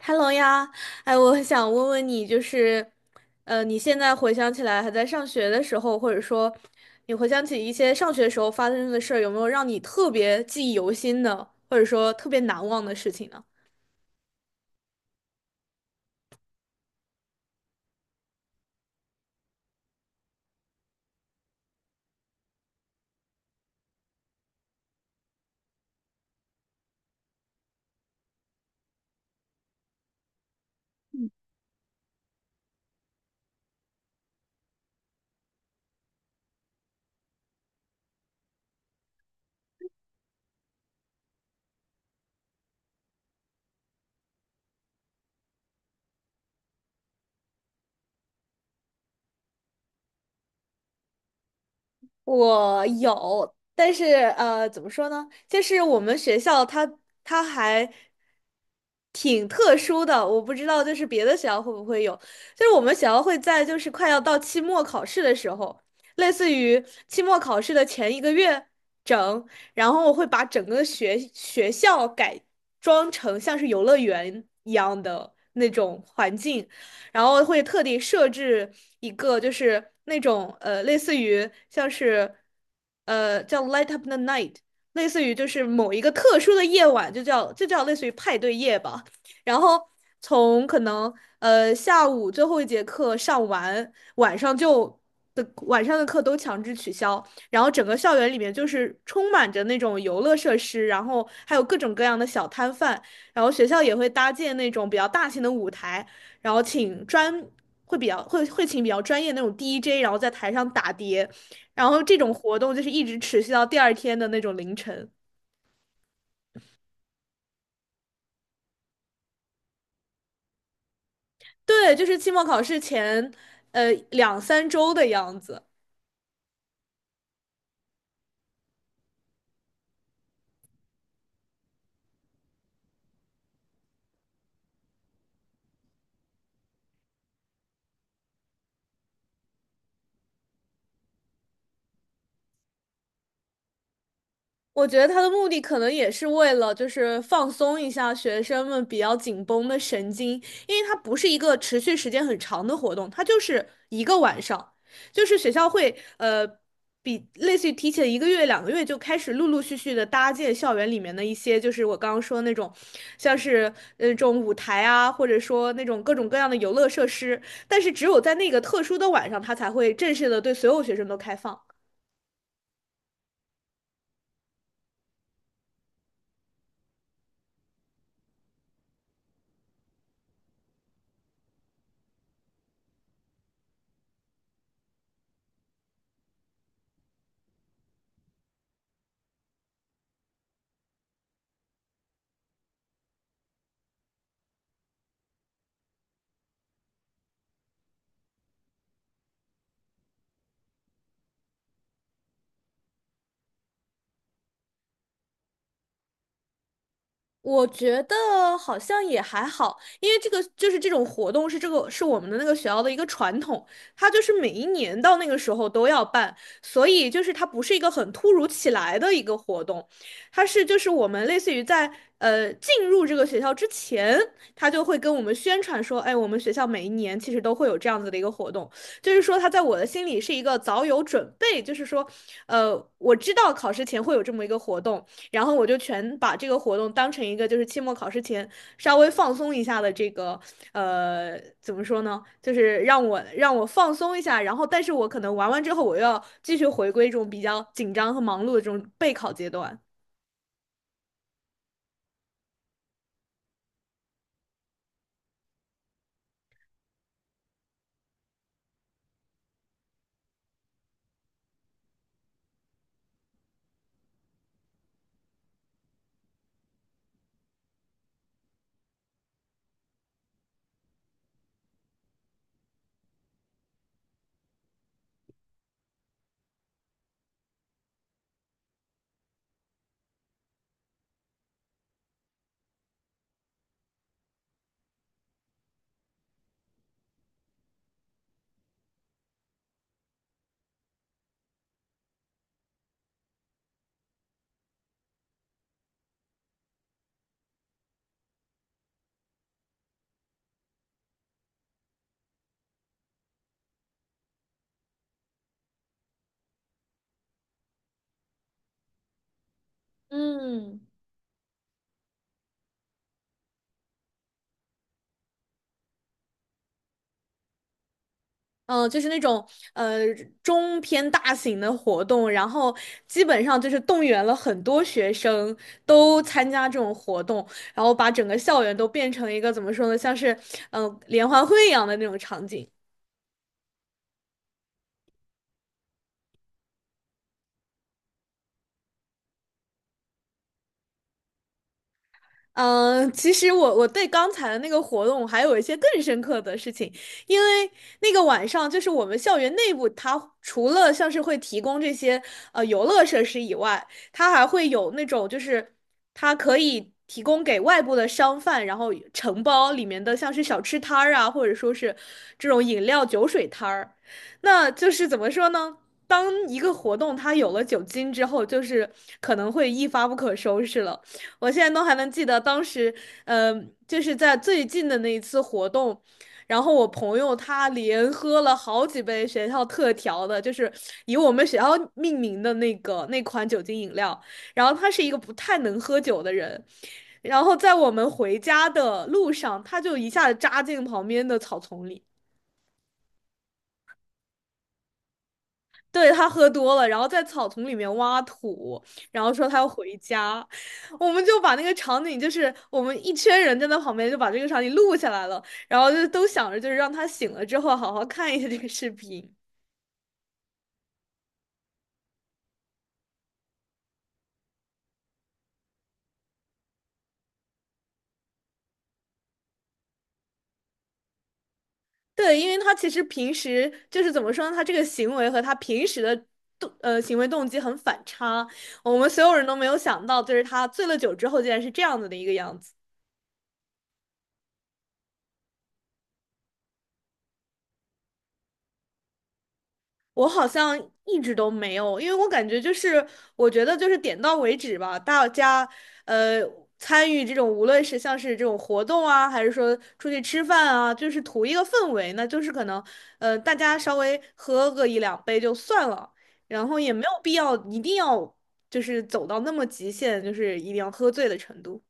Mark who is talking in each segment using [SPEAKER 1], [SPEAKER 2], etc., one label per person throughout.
[SPEAKER 1] Hello 呀，哎，我想问问你，就是，你现在回想起来还在上学的时候，或者说你回想起一些上学时候发生的事儿，有没有让你特别记忆犹新的，或者说特别难忘的事情呢？我有，但是怎么说呢？就是我们学校它还挺特殊的，我不知道就是别的学校会不会有。就是我们学校会在就是快要到期末考试的时候，类似于期末考试的前一个月整，然后我会把整个学校改装成像是游乐园一样的那种环境，然后会特地设置一个就是那种类似于像是叫 Light Up the Night，类似于就是某一个特殊的夜晚，就叫类似于派对夜吧。然后从可能下午最后一节课上完，晚上就的晚上的课都强制取消。然后整个校园里面就是充满着那种游乐设施，然后还有各种各样的小摊贩，然后学校也会搭建那种比较大型的舞台，然后请专会比较会会请比较专业那种 DJ，然后在台上打碟，然后这种活动就是一直持续到第二天的那种凌晨。对，就是期末考试前，呃，两三周的样子。我觉得他的目的可能也是为了，就是放松一下学生们比较紧绷的神经，因为它不是一个持续时间很长的活动，它就是一个晚上，就是学校会比类似于提前一个月、两个月就开始陆陆续续的搭建校园里面的一些，就是我刚刚说的那种，像是那种舞台啊，或者说那种各种各样的游乐设施，但是只有在那个特殊的晚上，他才会正式的对所有学生都开放。我觉得好像也还好，因为这个就是这种活动是这个是我们的那个学校的一个传统，它就是每一年到那个时候都要办，所以就是它不是一个很突如其来的一个活动，它是就是我们类似于在进入这个学校之前，他就会跟我们宣传说，哎，我们学校每一年其实都会有这样子的一个活动，就是说他在我的心里是一个早有准备，就是说，我知道考试前会有这么一个活动。然后我就全把这个活动当成一个就是期末考试前稍微放松一下的这个怎么说呢，就是让我放松一下，然后但是我可能玩完之后我又要继续回归这种比较紧张和忙碌的这种备考阶段。嗯，嗯，就是那种呃中偏大型的活动，然后基本上就是动员了很多学生都参加这种活动，然后把整个校园都变成一个怎么说呢，像是联欢会一样的那种场景。嗯，其实我对刚才的那个活动还有一些更深刻的事情，因为那个晚上就是我们校园内部，它除了像是会提供这些游乐设施以外，它还会有那种就是它可以提供给外部的商贩，然后承包里面的像是小吃摊儿啊，或者说是这种饮料酒水摊儿，那就是怎么说呢？当一个活动它有了酒精之后，就是可能会一发不可收拾了。我现在都还能记得当时，就是在最近的那一次活动，然后我朋友他连喝了好几杯学校特调的，就是以我们学校命名的那个那款酒精饮料，然后他是一个不太能喝酒的人。然后在我们回家的路上，他就一下子扎进旁边的草丛里。对，他喝多了，然后在草丛里面挖土，然后说他要回家，我们就把那个场景，就是我们一圈人站在旁边，就把这个场景录下来了，然后就都想着就是让他醒了之后好好看一下这个视频。对，因为他其实平时就是怎么说呢，他这个行为和他平时的行为动机很反差，我们所有人都没有想到，就是他醉了酒之后竟然是这样子的一个样子。我好像一直都没有，因为我感觉就是，我觉得就是点到为止吧。大家呃参与这种，无论是像是这种活动啊，还是说出去吃饭啊，就是图一个氛围，那就是可能大家稍微喝个一两杯就算了，然后也没有必要一定要就是走到那么极限，就是一定要喝醉的程度。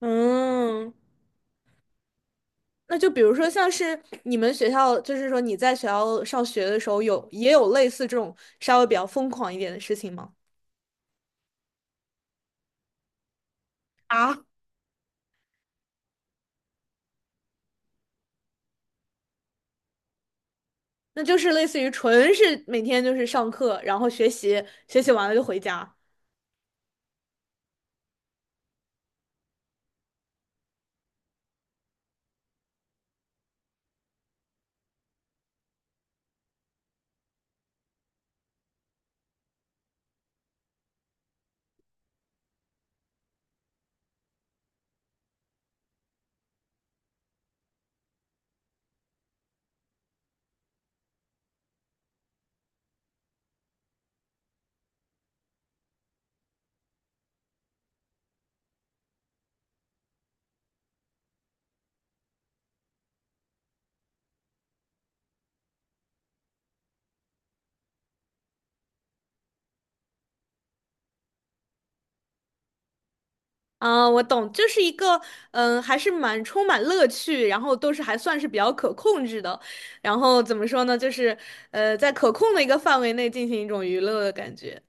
[SPEAKER 1] 嗯，那就比如说，像是你们学校，就是说你在学校上学的时候有，也有类似这种稍微比较疯狂一点的事情吗？啊，那就是类似于纯是每天就是上课，然后学习，学习完了就回家。啊，我懂，就是一个嗯，还是蛮充满乐趣，然后都是还算是比较可控制的，然后怎么说呢，就是在可控的一个范围内进行一种娱乐的感觉。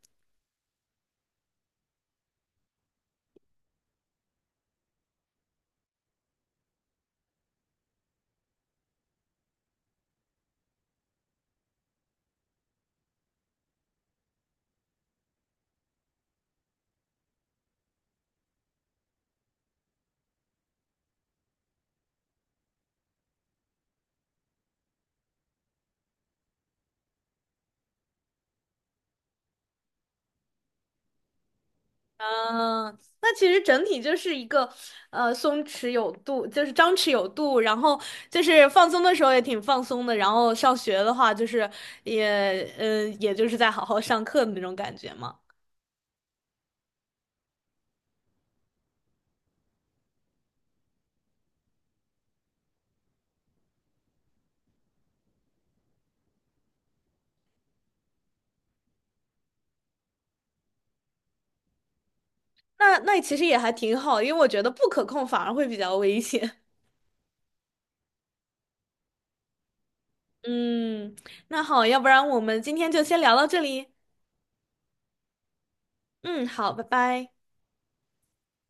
[SPEAKER 1] 嗯，那其实整体就是一个，松弛有度，就是张弛有度，然后就是放松的时候也挺放松的，然后上学的话就是也，也就是在好好上课的那种感觉嘛。那那其实也还挺好，因为我觉得不可控反而会比较危险。嗯，那好，要不然我们今天就先聊到这里。嗯，好，拜拜。